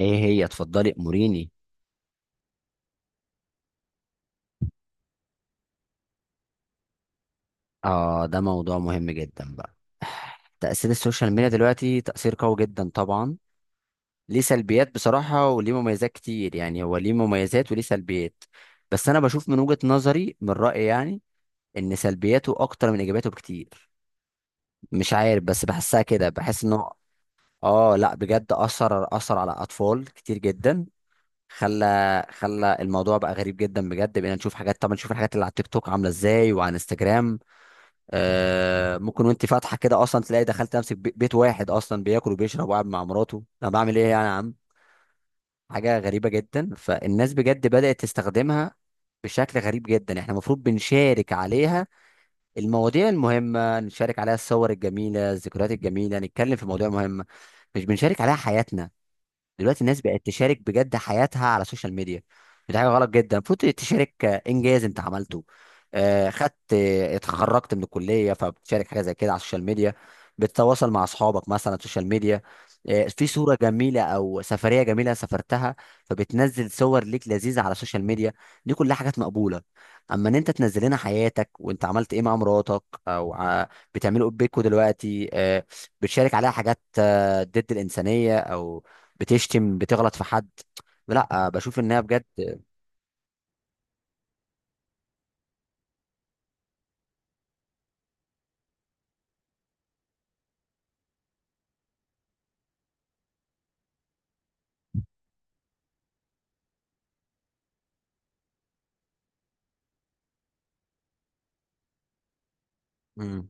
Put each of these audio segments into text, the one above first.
ايه هي؟ اتفضلي اموريني. اه، ده موضوع مهم جدا بقى. تأثير السوشيال ميديا دلوقتي تأثير قوي جدا طبعا. ليه سلبيات بصراحة وليه مميزات كتير، يعني هو ليه مميزات وليه سلبيات. بس انا بشوف من وجهة نظري، من رأيي يعني، ان سلبياته اكتر من ايجاباته بكتير. مش عارف، بس بحسها كده، بحس انه اه، لا، بجد اثر على اطفال كتير جدا. خلى الموضوع بقى غريب جدا بجد، بقينا نشوف حاجات. طبعا نشوف الحاجات اللي على التيك توك عامله ازاي وعلى انستجرام. ممكن وانت فاتحه كده اصلا تلاقي دخلت نفسك بيت واحد اصلا بياكل وبيشرب وقاعد مع مراته. انا بعمل ايه يعني يا عم؟ حاجه غريبه جدا. فالناس بجد بدات تستخدمها بشكل غريب جدا. احنا المفروض بنشارك عليها المواضيع المهمه، نشارك عليها الصور الجميله، الذكريات الجميله، نتكلم في مواضيع مهمه، مش بنشارك عليها حياتنا. دلوقتي الناس بقت تشارك بجد حياتها على السوشيال ميديا. دي حاجه غلط جدا. المفروض تشارك انجاز انت عملته، آه، خدت آه، اتخرجت من الكليه فبتشارك حاجه زي كده على السوشيال ميديا، بتتواصل مع اصحابك مثلا على السوشيال ميديا، في صوره جميله او سفريه جميله سافرتها فبتنزل صور ليك لذيذه على السوشيال ميديا. دي كلها حاجات مقبوله. اما ان انت تنزل لنا حياتك وانت عملت ايه مع مراتك، او ع- بتعملوا ايه بيكوا دلوقتي، بتشارك عليها حاجات ضد الانسانيه، او بتشتم، بتغلط في حد، لا، بشوف ان هي بجد. مم.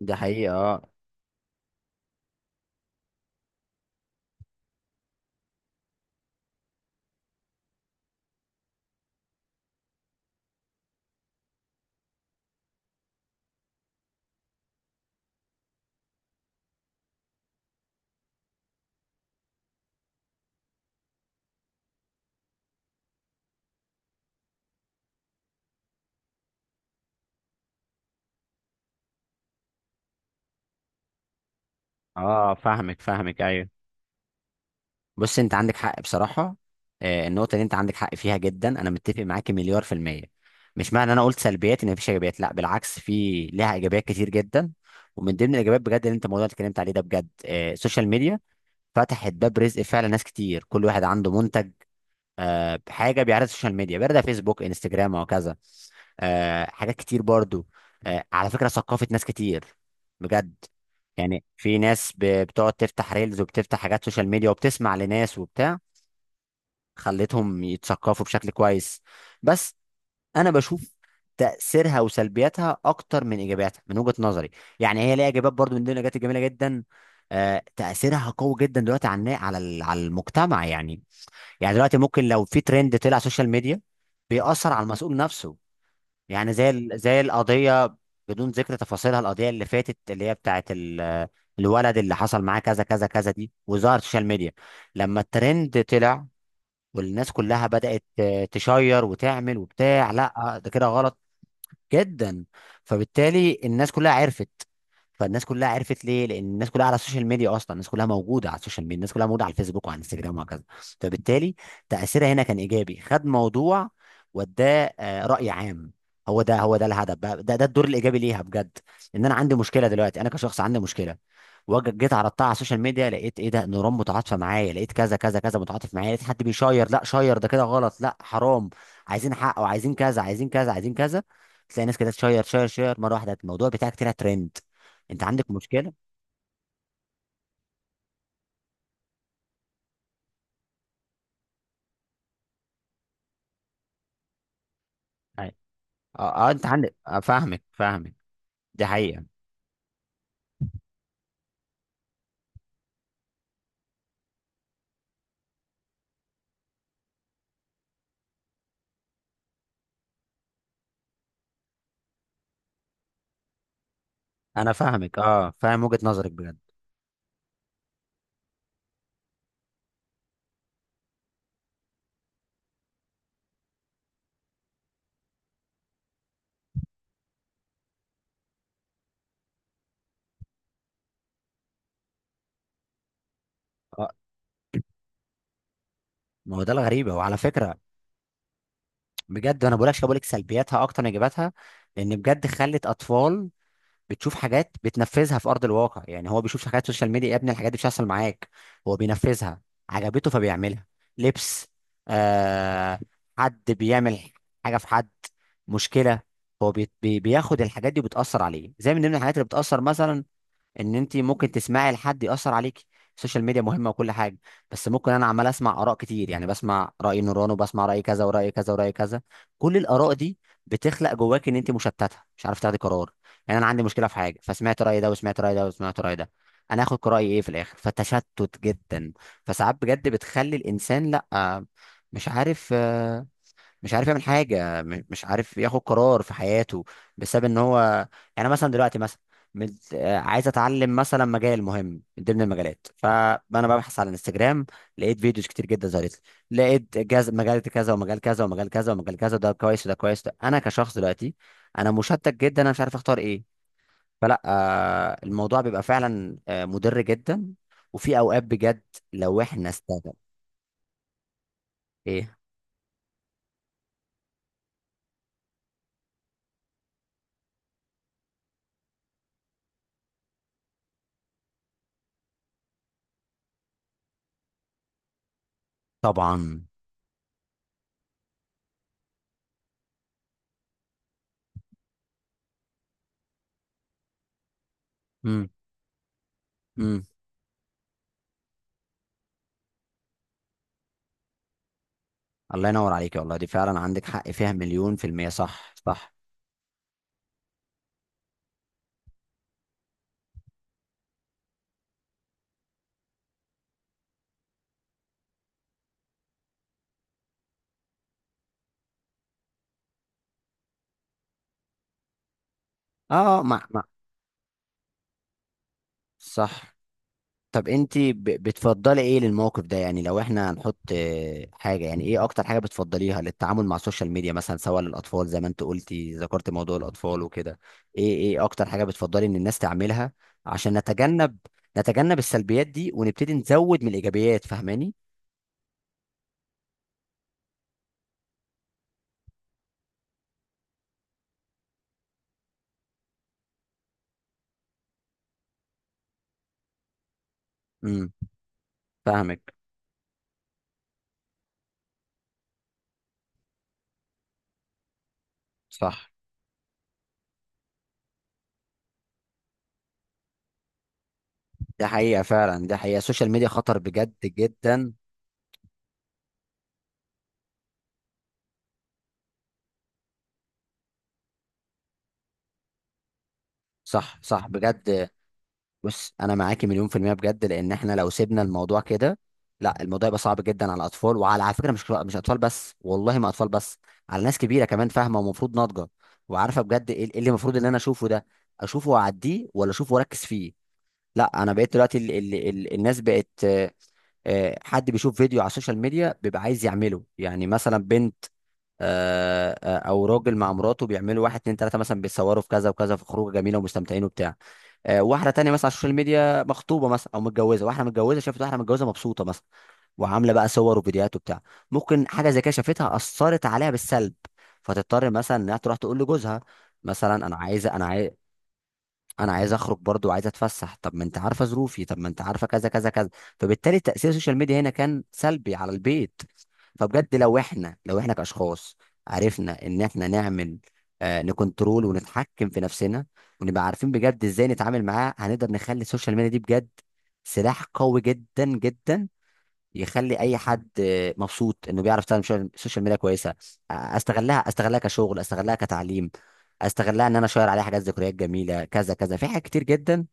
ده حقيقة، اه. اه، فاهمك فاهمك، ايوه. بص، انت عندك حق بصراحة. النقطة اللي انت عندك حق فيها جدا، انا متفق معاك مليار في المية. مش معنى انا قلت سلبيات ان مفيش ايجابيات، لا بالعكس، في لها ايجابيات كتير جدا. ومن ضمن الايجابيات بجد اللي انت الموضوع اللي اتكلمت عليه ده بجد، السوشيال ميديا فتحت باب رزق فعلا ناس كتير. كل واحد عنده منتج، بحاجه، بيعرض السوشيال ميديا، بيعرضها فيسبوك، انستجرام، وهكذا. حاجات كتير برضو. على فكره، ثقافه ناس كتير بجد. يعني في ناس بتقعد تفتح ريلز وبتفتح حاجات سوشيال ميديا وبتسمع لناس وبتاع، خلتهم يتثقفوا بشكل كويس. بس انا بشوف تأثيرها وسلبياتها أكتر من إيجابياتها من وجهة نظري. يعني هي ليها إيجابيات برضو. من ضمن الإيجابيات الجميلة جدا تأثيرها قوي جدا دلوقتي على على المجتمع يعني. يعني دلوقتي ممكن لو في ترند طلع سوشيال ميديا بيأثر على المسؤول نفسه. يعني زي القضية، بدون ذكر تفاصيلها، القضية اللي فاتت اللي هي بتاعت الولد اللي حصل معاه كذا كذا كذا، دي وظهرت السوشيال ميديا. لما الترند طلع والناس كلها بدأت تشير وتعمل وبتاع، لا ده كده غلط جدا. فبالتالي الناس كلها عرفت. فالناس كلها عرفت، ليه؟ لان الناس كلها على السوشيال ميديا اصلا، الناس كلها موجوده على السوشيال ميديا، الناس كلها موجوده على الفيسبوك وعلى الانستجرام وهكذا. فبالتالي تاثيرها هنا كان ايجابي، خد موضوع وداه راي عام. هو ده، هو ده الهدف بقى، ده ده الدور الايجابي ليها بجد. ان انا عندي مشكله دلوقتي، انا كشخص عندي مشكله، وجيت عرضتها على السوشيال ميديا، لقيت ايه؟ ده نيران متعاطفه معايا، لقيت كذا كذا كذا متعاطف معايا، لقيت حد بيشير، لا شير، ده كده غلط، لا حرام، عايزين حق، وعايزين كذا، عايزين كذا، عايزين كذا. تلاقي ناس كده تشير، شير شير، مره واحده الموضوع بتاعك طلع ترند. انت عندك مشكله. أي. اه اه، انت عندك، فاهمك فاهمك. دي حقيقه. انا فاهمك، اه، فاهم وجهه نظرك بجد. اه، ما هو ده الغريبه، وعلى فكره بجد، انا بقولك سلبياتها اكتر من ايجاباتها، لان بجد خلت اطفال بتشوف حاجات بتنفذها في ارض الواقع. يعني هو بيشوف حاجات سوشيال ميديا، يا ابني الحاجات دي مش هتحصل معاك، هو بينفذها، عجبته فبيعملها. لبس، آه حد بيعمل حاجه في حد، مشكله. هو بياخد الحاجات دي وبتأثر عليه. زي من ضمن الحاجات اللي بتأثر مثلا، ان انت ممكن تسمعي لحد ياثر عليكي. السوشيال ميديا مهمه وكل حاجه، بس ممكن انا عمال اسمع اراء كتير. يعني بسمع راي نوران، وبسمع راي كذا، وراي كذا، وراي كذا، كل الاراء دي بتخلق جواك ان انت مشتته، مش عارف تاخدي قرار. يعني انا عندي مشكله في حاجه، فسمعت راي ده، وسمعت راي ده، وسمعت راي ده، انا هاخد راي ايه في الاخر؟ فتشتت جدا. فساعات بجد بتخلي الانسان، لا، مش عارف، مش عارف يعمل حاجه، مش عارف ياخد قرار في حياته، بسبب ان هو، يعني مثلا دلوقتي مثلا عايز اتعلم مثلا مجال مهم من ضمن المجالات، فانا ببحث على الانستجرام، لقيت فيديوز كتير جدا ظهرت لي، لقيت جاز مجال كذا، ومجال كذا، ومجال كذا، ومجال كذا، ده كويس، وده كويس، ده. انا كشخص دلوقتي، انا مشتت جدا، انا مش عارف اختار ايه. فلا الموضوع بيبقى فعلا مضر جدا. وفي اوقات بجد لو احنا استغل. ايه؟ طبعا. امم. إمم. الله ينور عليك، والله دي فعلا عندك حق فيها مليون في المية، صح صح. اه، مع صح. طب انت بتفضلي ايه للموقف ده؟ يعني لو احنا هنحط حاجة، يعني ايه اكتر حاجة بتفضليها للتعامل مع السوشيال ميديا مثلا، سواء للاطفال زي ما انت قلتي، ذكرت موضوع الاطفال وكده؟ ايه اكتر حاجة بتفضلي ان الناس تعملها عشان نتجنب السلبيات دي ونبتدي نزود من الايجابيات، فاهماني؟ امم. فاهمك. صح. ده حقيقة فعلا، ده حقيقة، السوشيال ميديا خطر بجد جدا، صح صح بجد. بص، انا معاكي مليون في المية بجد، لان احنا لو سيبنا الموضوع كده، لا، الموضوع يبقى صعب جدا على الاطفال، على فكرة مش اطفال بس، والله ما اطفال بس، على ناس كبيرة كمان، فاهمة ومفروض ناضجة وعارفة بجد ايه اللي المفروض ان انا اشوفه ده، اشوفه واعديه ولا اشوفه واركز فيه؟ لا، انا بقيت دلوقتي ال ال ال الناس بقت، حد بيشوف فيديو على السوشيال ميديا بيبقى عايز يعمله. يعني مثلا بنت، او راجل مع مراته، بيعملوا واحد اتنين تلاتة، مثلا بيتصوروا في كذا وكذا، في خروجه جميله ومستمتعين وبتاع، واحده تانية مثلا على السوشيال ميديا مخطوبه مثلا او متجوزه، واحده متجوزه شافت واحده متجوزه مبسوطه مثلا، وعامله بقى صور وفيديوهات وبتاع، ممكن حاجه زي كده شافتها اثرت عليها بالسلب، فتضطر مثلا انها تروح تقول لجوزها مثلا انا عايزه، انا عايز، انا عايز اخرج برضو، وعايز اتفسح. طب ما انت عارفه ظروفي، طب ما انت عارفه كذا كذا كذا. فبالتالي تاثير السوشيال ميديا هنا كان سلبي على البيت. فبجد لو احنا كاشخاص عرفنا ان احنا نعمل نكنترول ونتحكم في نفسنا، ونبقى عارفين بجد ازاي نتعامل معاه، هنقدر نخلي السوشيال ميديا دي بجد سلاح قوي جدا جدا، يخلي اي حد مبسوط انه بيعرف يستخدم السوشيال ميديا كويسه. استغلها، استغلها كشغل، استغلها كتعليم، استغلها ان انا اشير عليها حاجات، ذكريات جميله، كذا كذا، في حاجات كتير جدا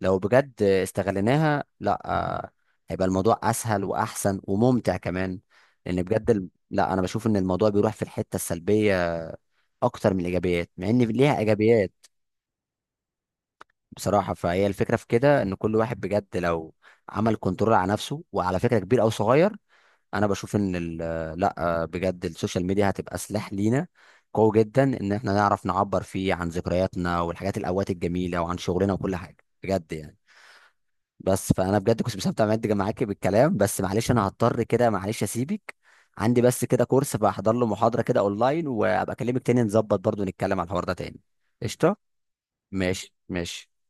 لو بجد استغليناها. لا، هيبقى الموضوع اسهل واحسن وممتع كمان، لان بجد، لا، انا بشوف ان الموضوع بيروح في الحته السلبيه اكتر من الايجابيات، مع ان ليها ايجابيات. بصراحه، فهي الفكره في كده، ان كل واحد بجد لو عمل كنترول على نفسه، وعلى فكره، كبير او صغير، انا بشوف ان لا بجد، السوشيال ميديا هتبقى سلاح لينا قوي جدا، ان احنا نعرف نعبر فيه عن ذكرياتنا والحاجات، الاوقات الجميله، وعن شغلنا وكل حاجه بجد يعني. بس، فانا بجد كنت مستمتع معاكي بالكلام، بس معلش انا هضطر كده معلش اسيبك، عندي بس كده كورس بحضر له، محاضره كده اونلاين، وابقى اكلمك تاني، نظبط برضو نتكلم على الحوار ده تاني. قشطه. ماشي ماشي.